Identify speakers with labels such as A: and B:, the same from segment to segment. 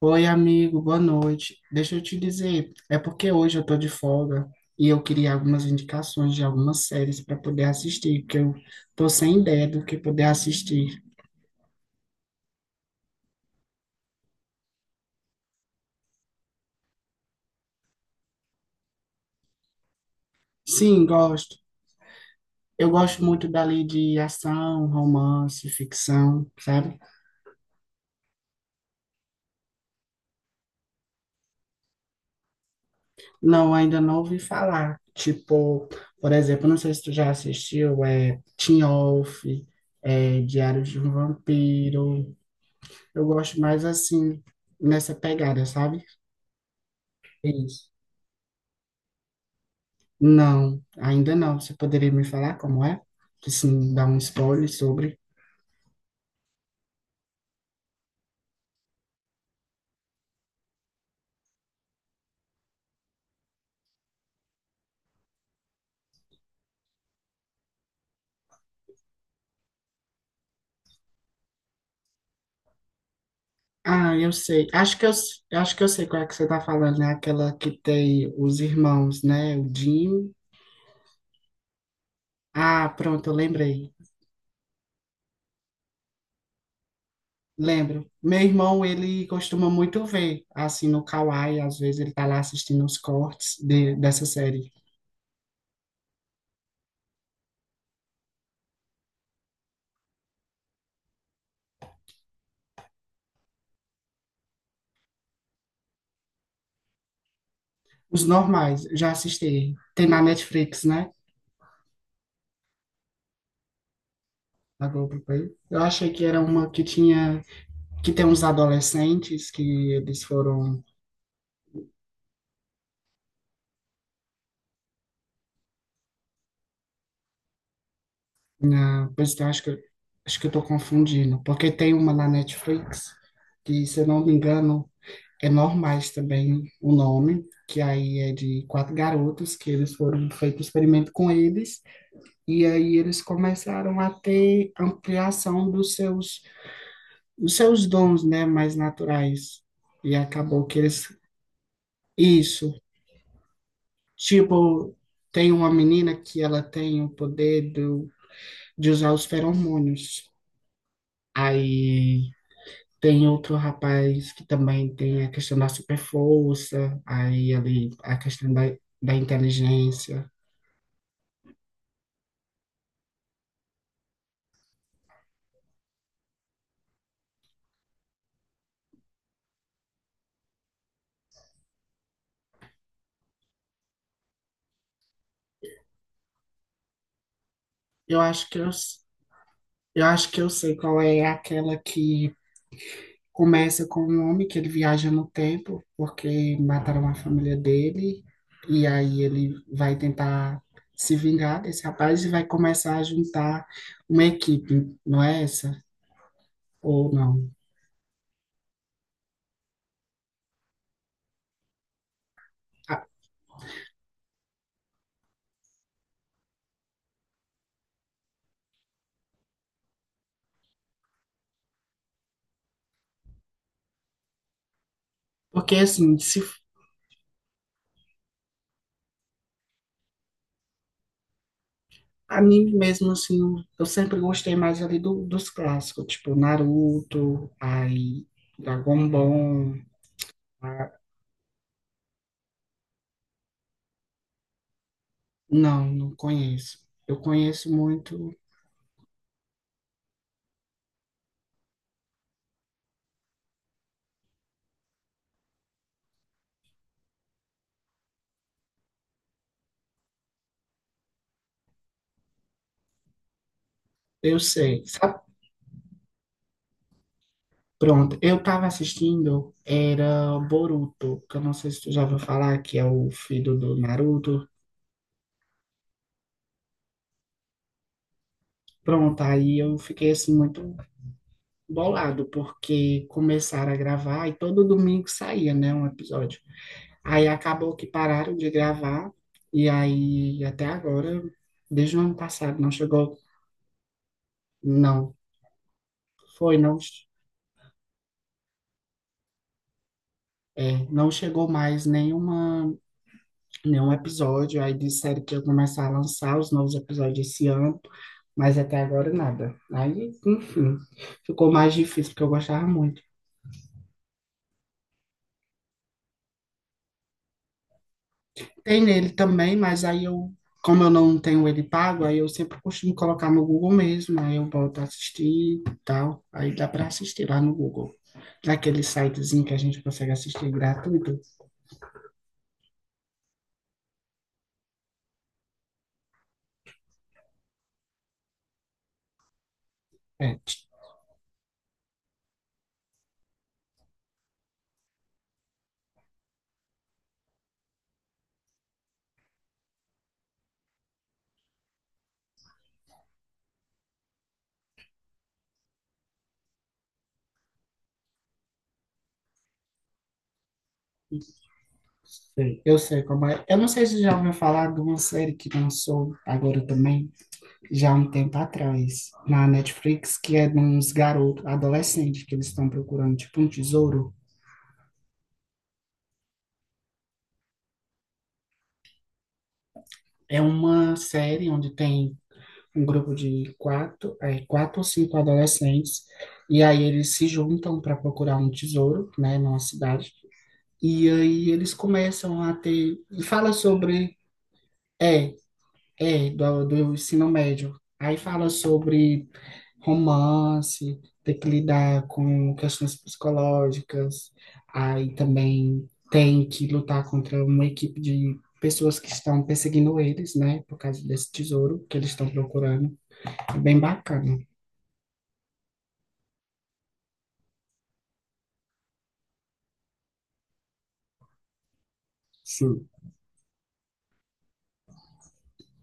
A: Oi, amigo, boa noite. Deixa eu te dizer, é porque hoje eu tô de folga e eu queria algumas indicações de algumas séries para poder assistir, porque eu tô sem ideia do que poder assistir. Sim, gosto. Eu gosto muito dali de ação, romance, ficção, sabe? Não, ainda não ouvi falar. Tipo, por exemplo, não sei se tu já assistiu, é Teen Wolf, é Diários de um Vampiro. Eu gosto mais assim, nessa pegada, sabe? É isso. Não, ainda não. Você poderia me falar como é? Que sim, dá um spoiler sobre. Ah, eu sei. Acho que eu, s- Eu acho que eu sei qual é que você tá falando, né? Aquela que tem os irmãos, né? O Jim. Ah, pronto, eu lembrei. Lembro. Meu irmão, ele costuma muito ver, assim, no Kawai, às vezes ele tá lá assistindo os cortes dessa série. Os normais, já assisti. Tem na Netflix, né? Na Globoplay. Eu achei que era uma que tinha que tem uns adolescentes que eles foram. Pois então, acho que eu tô confundindo, porque tem uma na Netflix que, se eu não me engano, é Normais também o nome, que aí é de quatro garotos que eles foram feito experimento com eles e aí eles começaram a ter ampliação dos seus dons, né, mais naturais. E acabou que eles isso, tipo, tem uma menina que ela tem o poder de usar os feromônios. Aí tem outro rapaz que também tem a questão da super força, aí ali a questão da inteligência. Eu acho que eu, s- eu acho que eu sei qual é aquela que começa com um homem que ele viaja no tempo porque mataram a família dele e aí ele vai tentar se vingar desse rapaz e vai começar a juntar uma equipe, não é essa? Ou não? Ah. Porque assim, se. Anime mesmo, assim, eu sempre gostei mais ali dos clássicos, tipo Naruto, aí Dragon Ball. a- Não, não conheço. Eu conheço muito, eu sei. Sabe? Pronto, eu tava assistindo, era Boruto, que eu não sei se tu já ouviu falar, que é o filho do Naruto. Pronto, aí eu fiquei assim muito bolado, porque começaram a gravar e todo domingo saía, né, um episódio. Aí acabou que pararam de gravar, e aí até agora, desde o ano passado, não chegou, não, foi, não, é, não chegou mais nenhuma, nenhum episódio. Aí disseram que ia começar a lançar os novos episódios esse ano, mas até agora nada. Aí, enfim, ficou mais difícil, porque eu gostava muito. Tem nele também, mas aí eu, como eu não tenho ele pago, aí eu sempre costumo colocar no Google mesmo, aí eu volto a assistir e tal, aí dá para assistir lá no Google. Aquele sitezinho que a gente consegue assistir gratuito. É, sei, eu sei como é. Eu não sei se já ouviu falar de uma série que lançou agora também, já há um tempo atrás, na Netflix, que é de uns garotos, adolescentes, que eles estão procurando, tipo, um tesouro. É uma série onde tem um grupo de quatro, é, quatro ou cinco adolescentes, e aí eles se juntam para procurar um tesouro, né, numa cidade. E aí eles começam a ter. Fala sobre. É. É, do ensino médio. Aí fala sobre romance, ter que lidar com questões psicológicas, aí também tem que lutar contra uma equipe de pessoas que estão perseguindo eles, né, por causa desse tesouro que eles estão procurando. É bem bacana. Sim.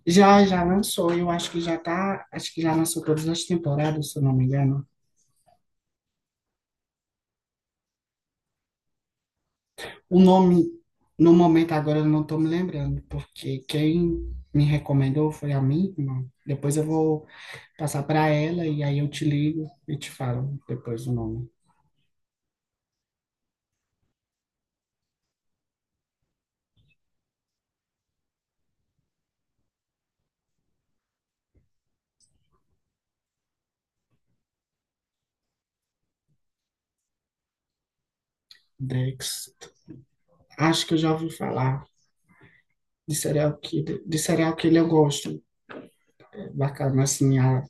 A: Já lançou, eu acho que já tá, acho que já lançou todas as temporadas, se eu não me engano. O nome, no momento agora eu não estou me lembrando, porque quem me recomendou foi a minha irmã. Depois eu vou passar para ela e aí eu te ligo e te falo depois o nome. Dex. Acho que eu já ouvi falar de serial killer, eu gosto. Bacana, assim, a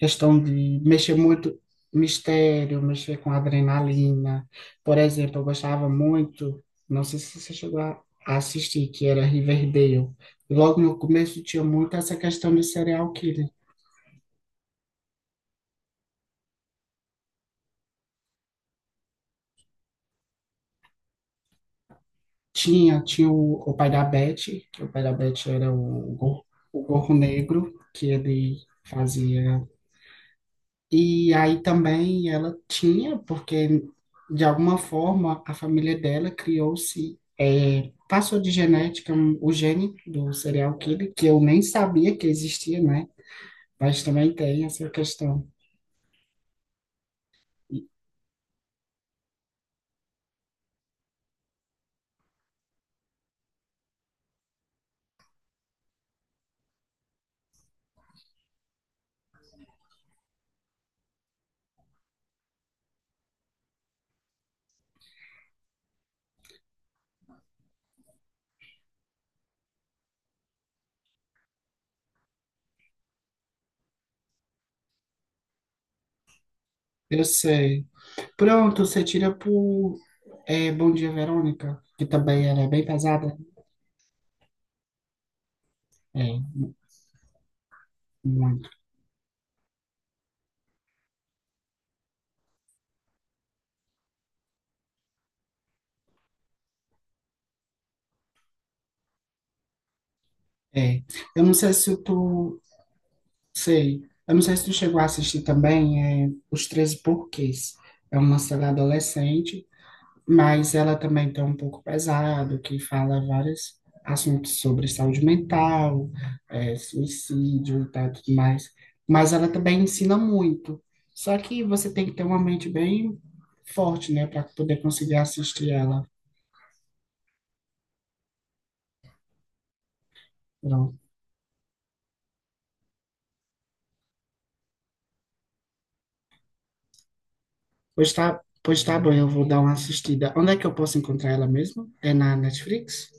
A: questão de mexer muito mistério, mexer com adrenalina. Por exemplo, eu gostava muito, não sei se você chegou a assistir, que era Riverdale. Logo no começo tinha muito essa questão de serial killer. Tinha, tinha o pai da Beth, que o pai da Beth era o, o gorro negro, que ele fazia. E aí também ela tinha, porque de alguma forma a família dela criou-se, passou de genética o gene do serial killer, que eu nem sabia que existia, né? Mas também tem essa questão. Eu sei. Pronto, você tira por Bom Dia Verônica, que também ela é bem pesada. É, mu- muito. É. Eu não sei se tu. Sei. Eu não sei se tu chegou a assistir também, é, Os Treze Porquês. É uma série adolescente, mas ela também tem um pouco pesado, que fala vários assuntos sobre saúde mental, é, suicídio e tal, tudo mais. Mas ela também ensina muito. Só que você tem que ter uma mente bem forte, né, para poder conseguir assistir ela. Pronto. Pois tá bom, eu vou dar uma assistida. Onde é que eu posso encontrar ela mesmo? É na Netflix?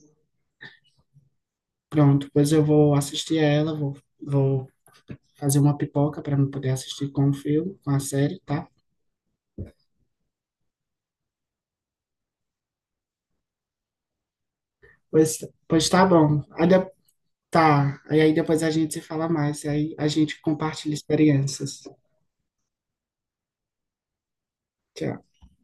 A: Pronto, pois eu vou assistir a ela, vou fazer uma pipoca para eu poder assistir com o filme, com a série, tá? Pois, pois tá bom. Tá. E aí depois a gente se fala mais, aí a gente compartilha experiências. Tchau.